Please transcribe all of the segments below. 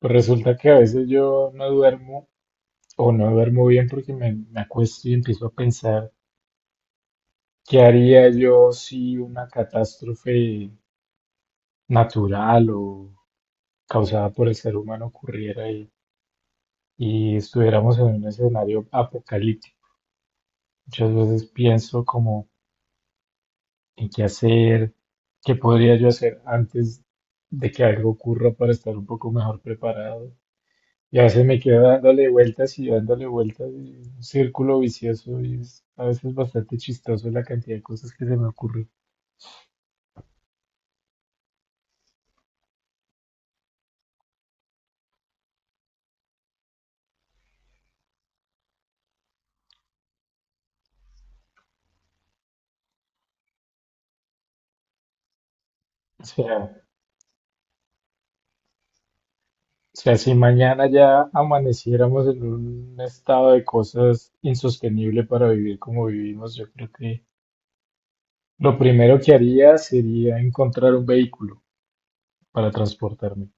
Pues resulta que a veces yo no duermo o no duermo bien porque me acuesto y empiezo a pensar qué haría yo si una catástrofe natural o causada por el ser humano ocurriera y estuviéramos en un escenario apocalíptico. Muchas veces pienso como en qué hacer, qué podría yo hacer antes de que algo ocurra para estar un poco mejor preparado. Y a veces me quedo dándole vueltas, y un círculo vicioso y es a veces bastante chistoso la cantidad de cosas que se me ocurren. O sea, si mañana ya amaneciéramos en un estado de cosas insostenible para vivir como vivimos, yo creo que lo primero que haría sería encontrar un vehículo para transportarme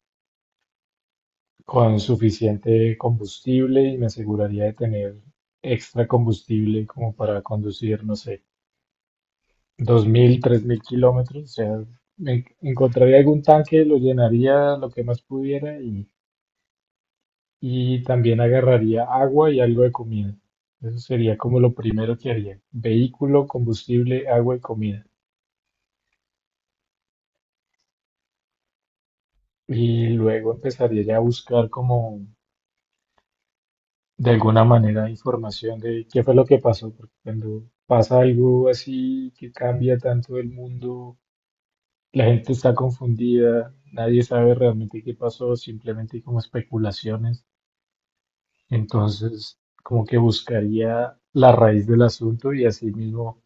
con suficiente combustible y me aseguraría de tener extra combustible como para conducir, no sé 2.000, 3.000 kilómetros. O sea, encontraría algún tanque, lo llenaría lo que más pudiera y también agarraría agua y algo de comida. Eso sería como lo primero que haría. Vehículo, combustible, agua y comida. Y luego empezaría ya a buscar como de alguna manera información de qué fue lo que pasó, porque cuando pasa algo así que cambia tanto el mundo, la gente está confundida, nadie sabe realmente qué pasó, simplemente hay como especulaciones. Entonces, como que buscaría la raíz del asunto y así mismo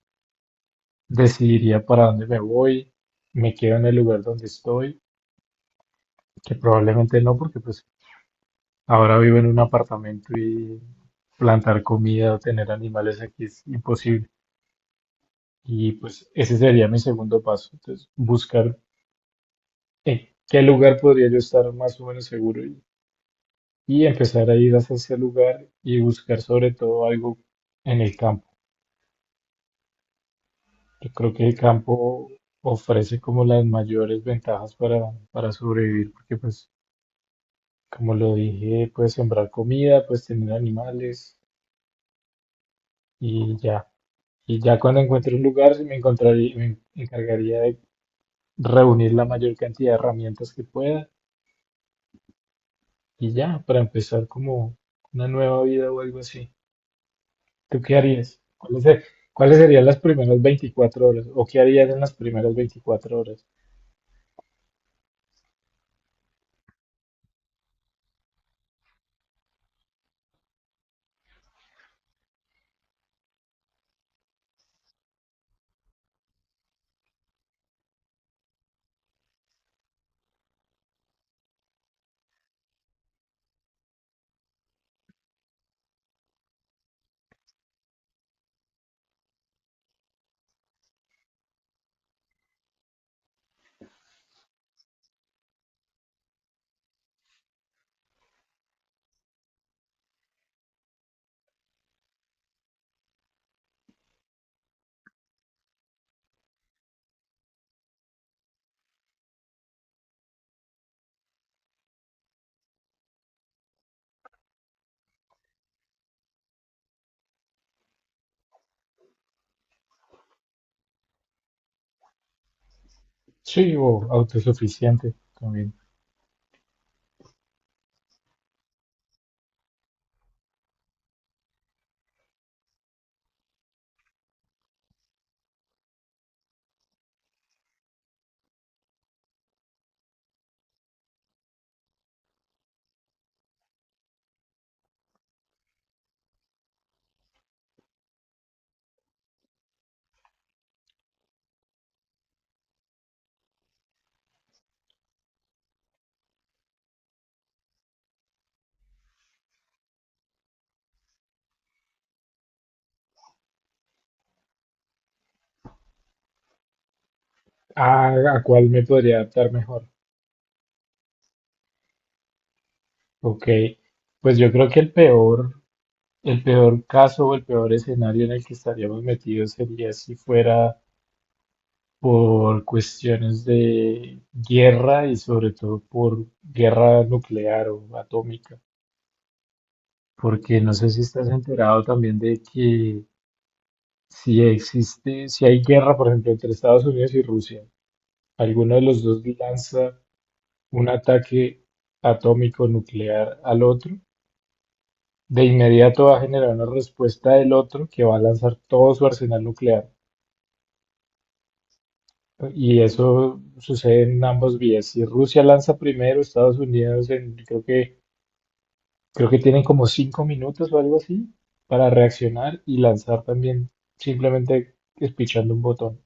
decidiría para dónde me voy, me quedo en el lugar donde estoy, que probablemente no, porque pues ahora vivo en un apartamento y plantar comida o tener animales aquí es imposible. Y pues ese sería mi segundo paso. Entonces, buscar en qué lugar podría yo estar más o menos seguro y empezar a ir hacia ese lugar y buscar sobre todo algo en el campo. Yo creo que el campo ofrece como las mayores ventajas para sobrevivir, porque pues, como lo dije, puedes sembrar comida, puedes tener animales y ya. Y ya cuando encuentre un lugar, me encargaría de reunir la mayor cantidad de herramientas que pueda y ya, para empezar como una nueva vida o algo así. ¿Tú qué harías? ¿Cuáles serían las primeras 24 horas? ¿O qué harías en las primeras 24 horas? Sí, o autosuficiente también. Ah, ¿a cuál me podría adaptar mejor? Ok, pues yo creo que el peor caso o el peor escenario en el que estaríamos metidos sería si fuera por cuestiones de guerra y sobre todo por guerra nuclear o atómica, porque no sé si estás enterado también de que si existe, si hay guerra, por ejemplo, entre Estados Unidos y Rusia, alguno de los dos lanza un ataque atómico nuclear al otro. De inmediato va a generar una respuesta del otro que va a lanzar todo su arsenal nuclear. Y eso sucede en ambos vías. Si Rusia lanza primero, Estados Unidos creo que tienen como 5 minutos o algo así para reaccionar y lanzar también simplemente espichando un botón.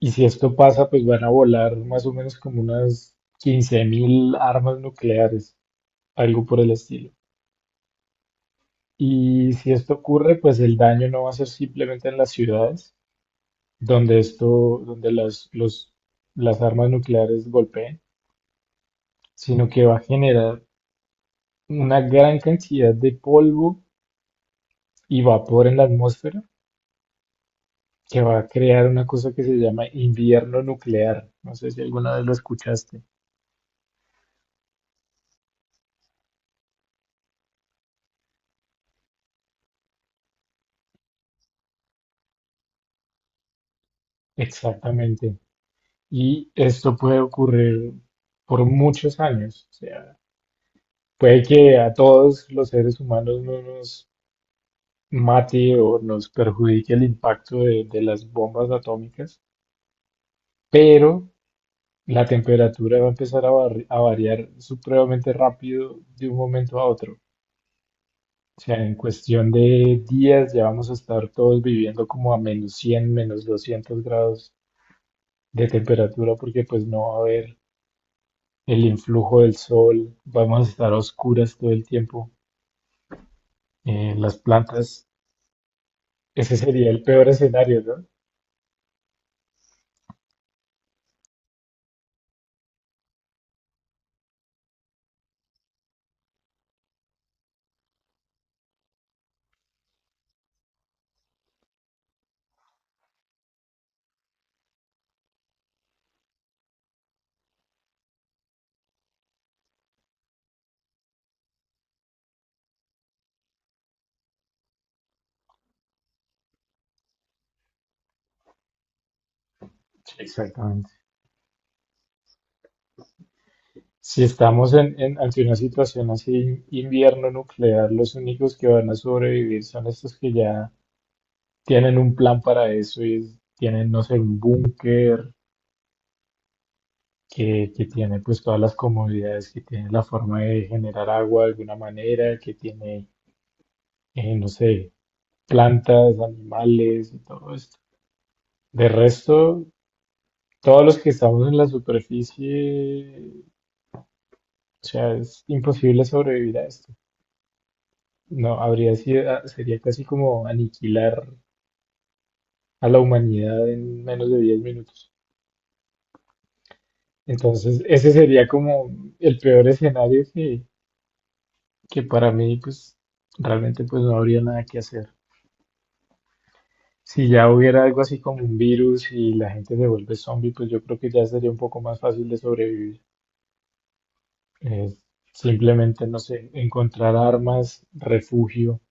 Y si esto pasa, pues van a volar más o menos como unas 15.000 armas nucleares, algo por el estilo. Y si esto ocurre, pues el daño no va a ser simplemente en las ciudades, donde las armas nucleares golpeen, sino que va a generar una gran cantidad de polvo y vapor en la atmósfera que va a crear una cosa que se llama invierno nuclear. No sé si alguna vez lo escuchaste. Exactamente. Y esto puede ocurrir por muchos años. O sea, puede que a todos los seres humanos no nos mate o nos perjudique el impacto de las bombas atómicas, pero la temperatura va a empezar a variar supremamente rápido de un momento a otro. O sea, en cuestión de días ya vamos a estar todos viviendo como a menos 100 menos 200 grados de temperatura porque pues no va a haber el influjo del sol, vamos a estar a oscuras todo el tiempo. Las plantas, ese sería el peor escenario, ¿no? Sí, exactamente. Si estamos ante una situación así, invierno nuclear, los únicos que van a sobrevivir son estos que ya tienen un plan para eso y tienen, no sé, un búnker que tiene pues todas las comodidades, que tiene la forma de generar agua de alguna manera, que tiene, no sé, plantas, animales y todo esto. De resto, todos los que estamos en la superficie, o sea, es imposible sobrevivir a esto. No, habría sido, ah, sería casi como aniquilar a la humanidad en menos de 10 minutos. Entonces, ese sería como el peor escenario que para mí pues realmente pues no habría nada que hacer. Si ya hubiera algo así como un virus y la gente se vuelve zombie, pues yo creo que ya sería un poco más fácil de sobrevivir. Eh, Simplemente, no sé, encontrar armas, refugio,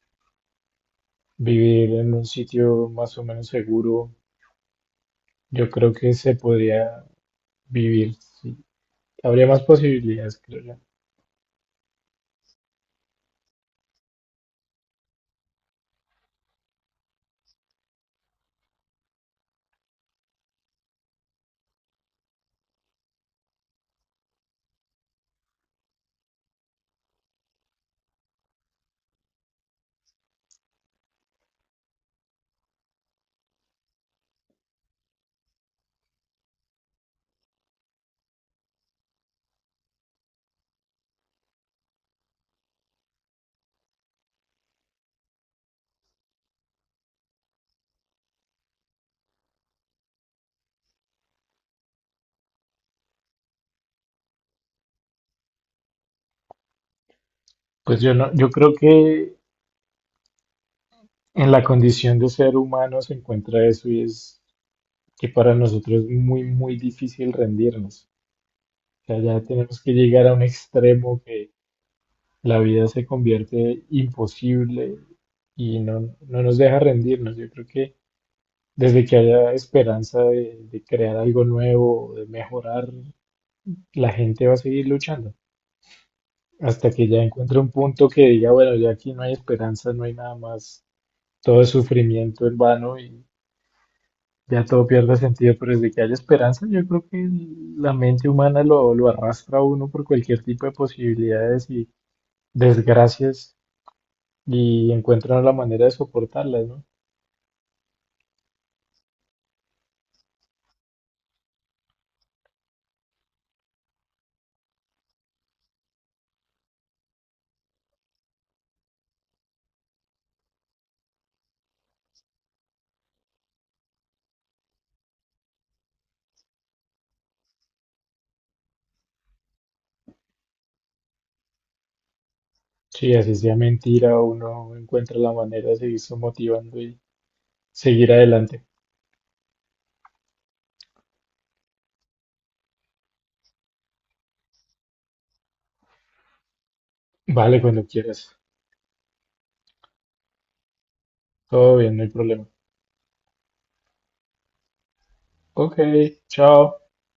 vivir en un sitio más o menos seguro. Yo creo que se podría vivir, sí. Habría más posibilidades, creo yo. Pues yo no, yo creo que en la condición de ser humano se encuentra eso y es que para nosotros es muy, muy difícil rendirnos. O sea, ya tenemos que llegar a un extremo que la vida se convierte imposible y no nos deja rendirnos. Yo creo que desde que haya esperanza de crear algo nuevo, de mejorar, la gente va a seguir luchando hasta que ya encuentre un punto que diga, bueno, ya aquí no hay esperanza, no hay nada más, todo es sufrimiento en vano y ya todo pierde sentido, pero desde que haya esperanza, yo creo que la mente humana lo arrastra a uno por cualquier tipo de posibilidades y desgracias y encuentra la manera de soportarlas, ¿no? Sí, así sea mentira, uno encuentra la manera de seguirse motivando y seguir adelante. Vale, cuando quieras. Todo bien, no hay problema. Ok, chao.